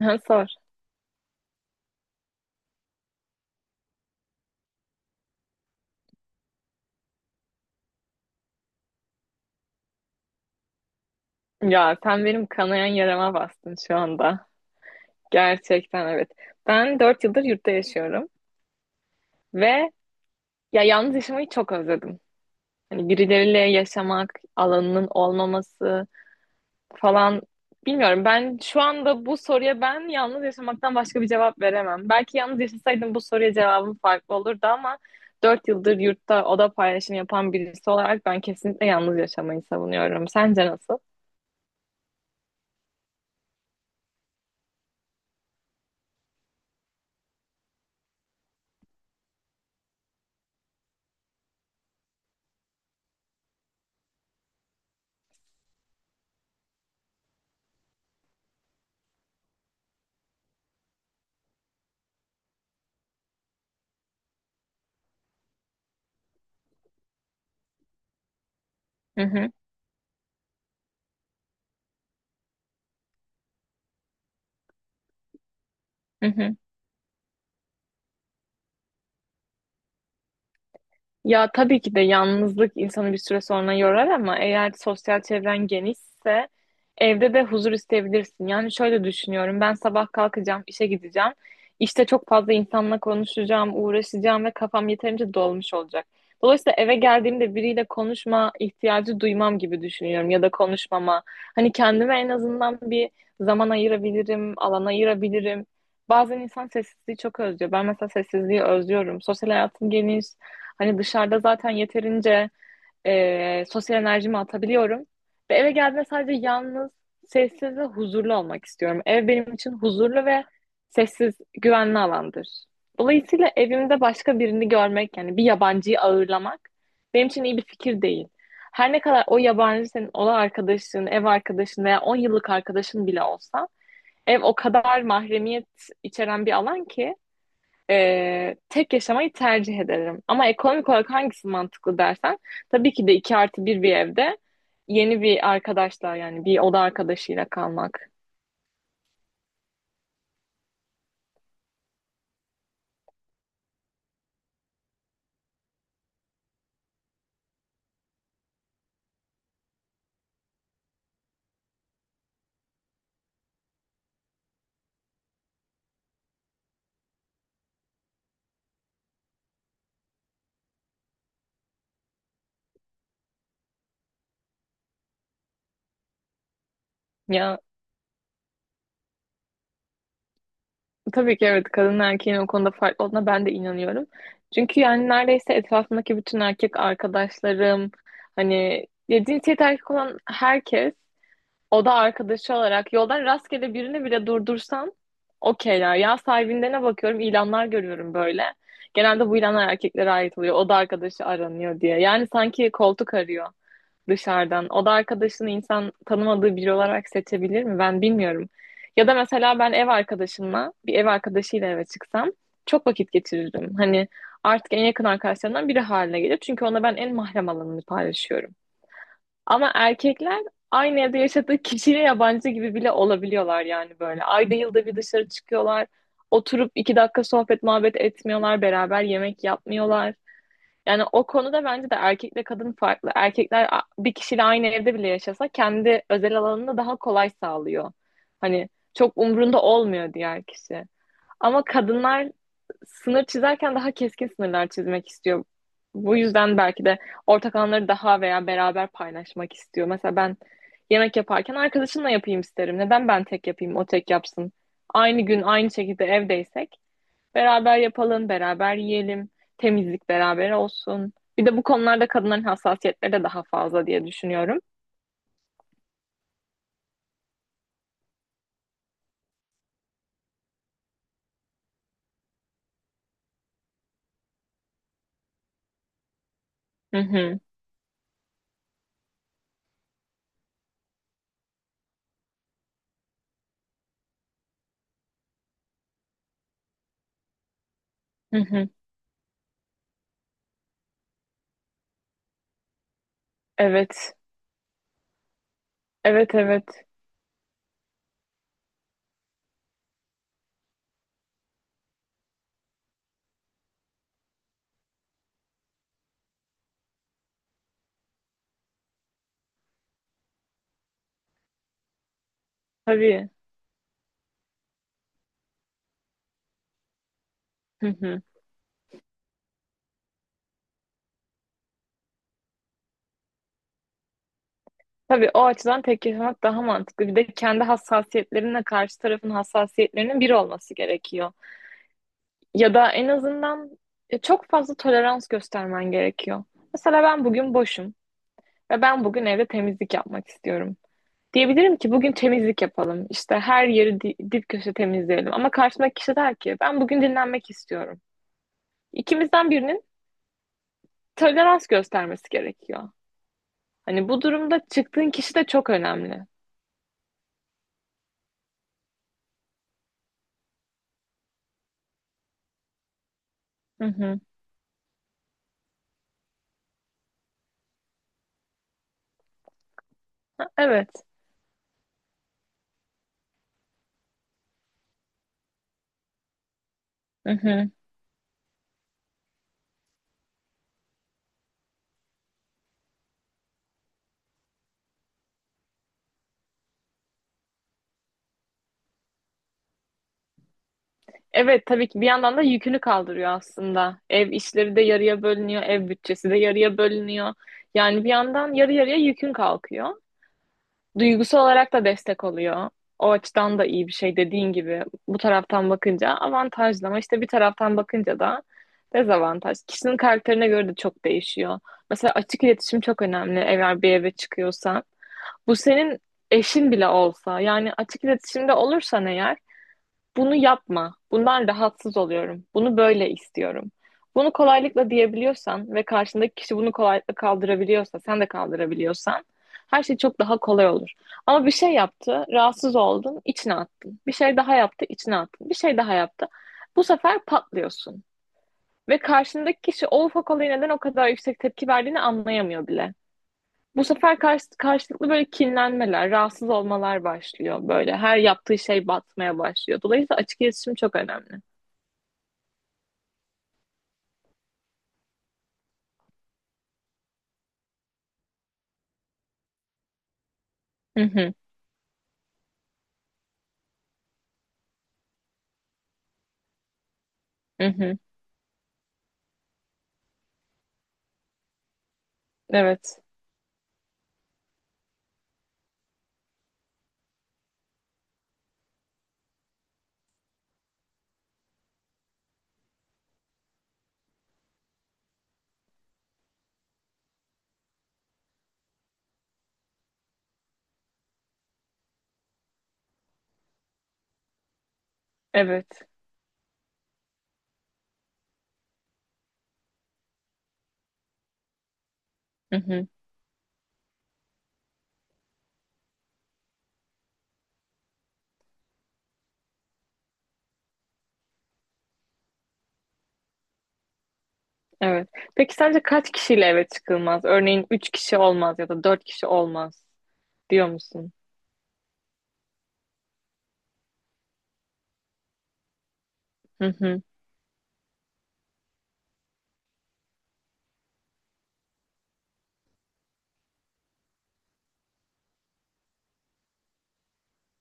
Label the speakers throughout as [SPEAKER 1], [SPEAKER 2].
[SPEAKER 1] Ha, Sor. Ya sen benim kanayan yarama bastın şu anda. Gerçekten evet. Ben 4 yıldır yurtta yaşıyorum ve ya yalnız yaşamayı çok özledim. Hani birileriyle yaşamak, alanının olmaması falan bilmiyorum. Ben şu anda bu soruya ben yalnız yaşamaktan başka bir cevap veremem. Belki yalnız yaşasaydım bu soruya cevabım farklı olurdu ama 4 yıldır yurtta oda paylaşımı yapan birisi olarak ben kesinlikle yalnız yaşamayı savunuyorum. Sence nasıl? Hı hı, hı hı. Ya tabii ki de yalnızlık insanı bir süre sonra yorar ama eğer sosyal çevren genişse evde de huzur isteyebilirsin. Yani şöyle düşünüyorum. Ben sabah kalkacağım, işe gideceğim. İşte çok fazla insanla konuşacağım, uğraşacağım ve kafam yeterince dolmuş olacak. Dolayısıyla eve geldiğimde biriyle konuşma ihtiyacı duymam gibi düşünüyorum ya da konuşmama. Hani kendime en azından bir zaman ayırabilirim, alan ayırabilirim. Bazen insan sessizliği çok özlüyor. Ben mesela sessizliği özlüyorum. Sosyal hayatım geniş. Hani dışarıda zaten yeterince sosyal enerjimi atabiliyorum. Ve eve geldiğimde sadece yalnız, sessiz ve huzurlu olmak istiyorum. Ev benim için huzurlu ve sessiz, güvenli alandır. Dolayısıyla evimde başka birini görmek, yani bir yabancıyı ağırlamak benim için iyi bir fikir değil. Her ne kadar o yabancı senin ola arkadaşın, ev arkadaşın veya 10 yıllık arkadaşın bile olsa Ev o kadar mahremiyet içeren bir alan ki tek yaşamayı tercih ederim. Ama ekonomik olarak hangisi mantıklı dersen tabii ki de 2+1 bir evde yeni bir arkadaşla yani bir oda arkadaşıyla kalmak. Ya tabii ki evet kadın erkeğin o konuda farklı olduğuna ben de inanıyorum. Çünkü yani neredeyse etrafımdaki bütün erkek arkadaşlarım hani ya cinsiyet erkek olan herkes O da arkadaşı olarak yoldan rastgele birini bile durdursan okeyler. Ya sahibinde bakıyorum ilanlar görüyorum böyle. Genelde bu ilanlar erkeklere ait oluyor. O da arkadaşı aranıyor diye. Yani sanki koltuk arıyor dışarıdan. O da arkadaşını insan tanımadığı biri olarak seçebilir mi? Ben bilmiyorum. Ya da mesela ben ev arkadaşımla bir ev arkadaşıyla eve çıksam çok vakit geçirirdim. Hani artık en yakın arkadaşlarımdan biri haline gelir. Çünkü ona ben en mahrem alanını paylaşıyorum. Ama erkekler aynı evde yaşadığı kişiyle yabancı gibi bile olabiliyorlar yani böyle. Ayda yılda bir dışarı çıkıyorlar. Oturup 2 dakika sohbet muhabbet etmiyorlar. Beraber yemek yapmıyorlar. Yani o konuda bence de erkekle kadın farklı. Erkekler bir kişiyle aynı evde bile yaşasa kendi özel alanını daha kolay sağlıyor. Hani çok umrunda olmuyor diğer kişi. Ama kadınlar sınır çizerken daha keskin sınırlar çizmek istiyor. Bu yüzden belki de ortak anları daha veya beraber paylaşmak istiyor. Mesela ben yemek yaparken arkadaşımla yapayım isterim. Neden ben tek yapayım, o tek yapsın? Aynı gün aynı şekilde evdeysek beraber yapalım, beraber yiyelim, temizlik beraber olsun. Bir de bu konularda kadınların hassasiyetleri de daha fazla diye düşünüyorum. Hı hı, hı hı. Evet, evet, evet. Tabii. Hı hı. Tabii o açıdan tek yaşamak daha mantıklı. Bir de kendi hassasiyetlerinle karşı tarafın hassasiyetlerinin bir olması gerekiyor. Ya da en azından çok fazla tolerans göstermen gerekiyor. Mesela ben bugün boşum ve ben bugün evde temizlik yapmak istiyorum. Diyebilirim ki bugün temizlik yapalım. İşte her yeri dip köşe temizleyelim. Ama karşımdaki kişi der ki ben bugün dinlenmek istiyorum. İkimizden birinin tolerans göstermesi gerekiyor. Hani bu durumda çıktığın kişi de çok önemli. Hı hı. Ha, Evet. Hı hı. Evet tabii ki bir yandan da yükünü kaldırıyor aslında. Ev işleri de yarıya bölünüyor, ev bütçesi de yarıya bölünüyor. Yani bir yandan yarı yarıya yükün kalkıyor. Duygusal olarak da destek oluyor. O açıdan da iyi bir şey dediğin gibi. Bu taraftan bakınca avantajlı ama işte bir taraftan bakınca da dezavantaj. Kişinin karakterine göre de çok değişiyor. Mesela açık iletişim çok önemli eğer bir eve çıkıyorsan. Bu senin eşin bile olsa yani açık iletişimde olursan eğer bunu yapma. Bundan rahatsız oluyorum. Bunu böyle istiyorum. Bunu kolaylıkla diyebiliyorsan ve karşındaki kişi bunu kolaylıkla kaldırabiliyorsa, sen de kaldırabiliyorsan her şey çok daha kolay olur. Ama bir şey yaptı, rahatsız oldun, içine attın. Bir şey daha yaptı, içine attın. Bir şey daha yaptı. Bu sefer patlıyorsun. Ve karşındaki kişi o ufak olaya neden o kadar yüksek tepki verdiğini anlayamıyor bile. Bu sefer karşılıklı böyle kinlenmeler, rahatsız olmalar başlıyor. Böyle her yaptığı şey batmaya başlıyor. Dolayısıyla açık iletişim çok önemli. Hı hı, hı hı. Evet, evet, hı hı, evet. Peki sence kaç kişiyle eve çıkılmaz? Örneğin 3 kişi olmaz ya da 4 kişi olmaz diyor musun? Hı hı,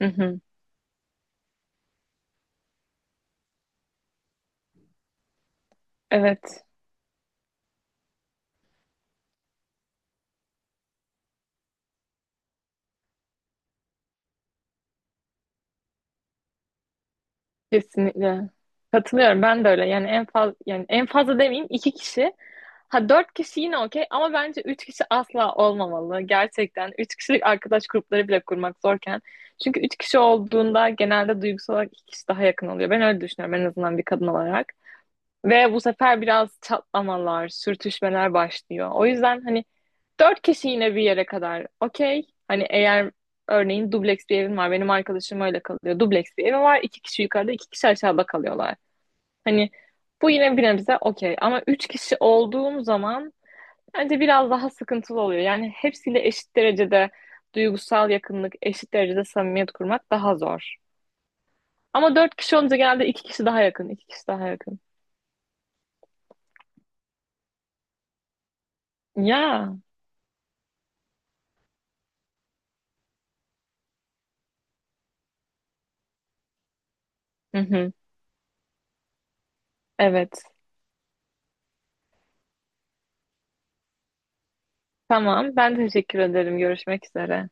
[SPEAKER 1] hı hı. Evet, kesinlikle. Katılıyorum ben de öyle. Yani en fazla yani en fazla demeyeyim iki kişi Ha dört kişi yine okey ama bence üç kişi asla olmamalı. Gerçekten üç kişilik arkadaş grupları bile kurmak zorken. Çünkü üç kişi olduğunda genelde duygusal olarak iki kişi daha yakın oluyor. Ben öyle düşünüyorum en azından bir kadın olarak. Ve bu sefer biraz çatlamalar, sürtüşmeler başlıyor. O yüzden hani dört kişi yine bir yere kadar okey. Hani eğer örneğin dubleks bir evim var. Benim arkadaşım öyle kalıyor. Dubleks bir evim var. İki kişi yukarıda, iki kişi aşağıda kalıyorlar. Hani bu yine bir nebze okey. Ama üç kişi olduğum zaman Bence biraz daha sıkıntılı oluyor. Yani hepsiyle eşit derecede duygusal yakınlık, eşit derecede samimiyet kurmak daha zor. Ama dört kişi olunca genelde iki kişi daha yakın, iki kişi daha yakın. Ya. Hı hı. Evet. Tamam. Ben teşekkür ederim. Görüşmek üzere.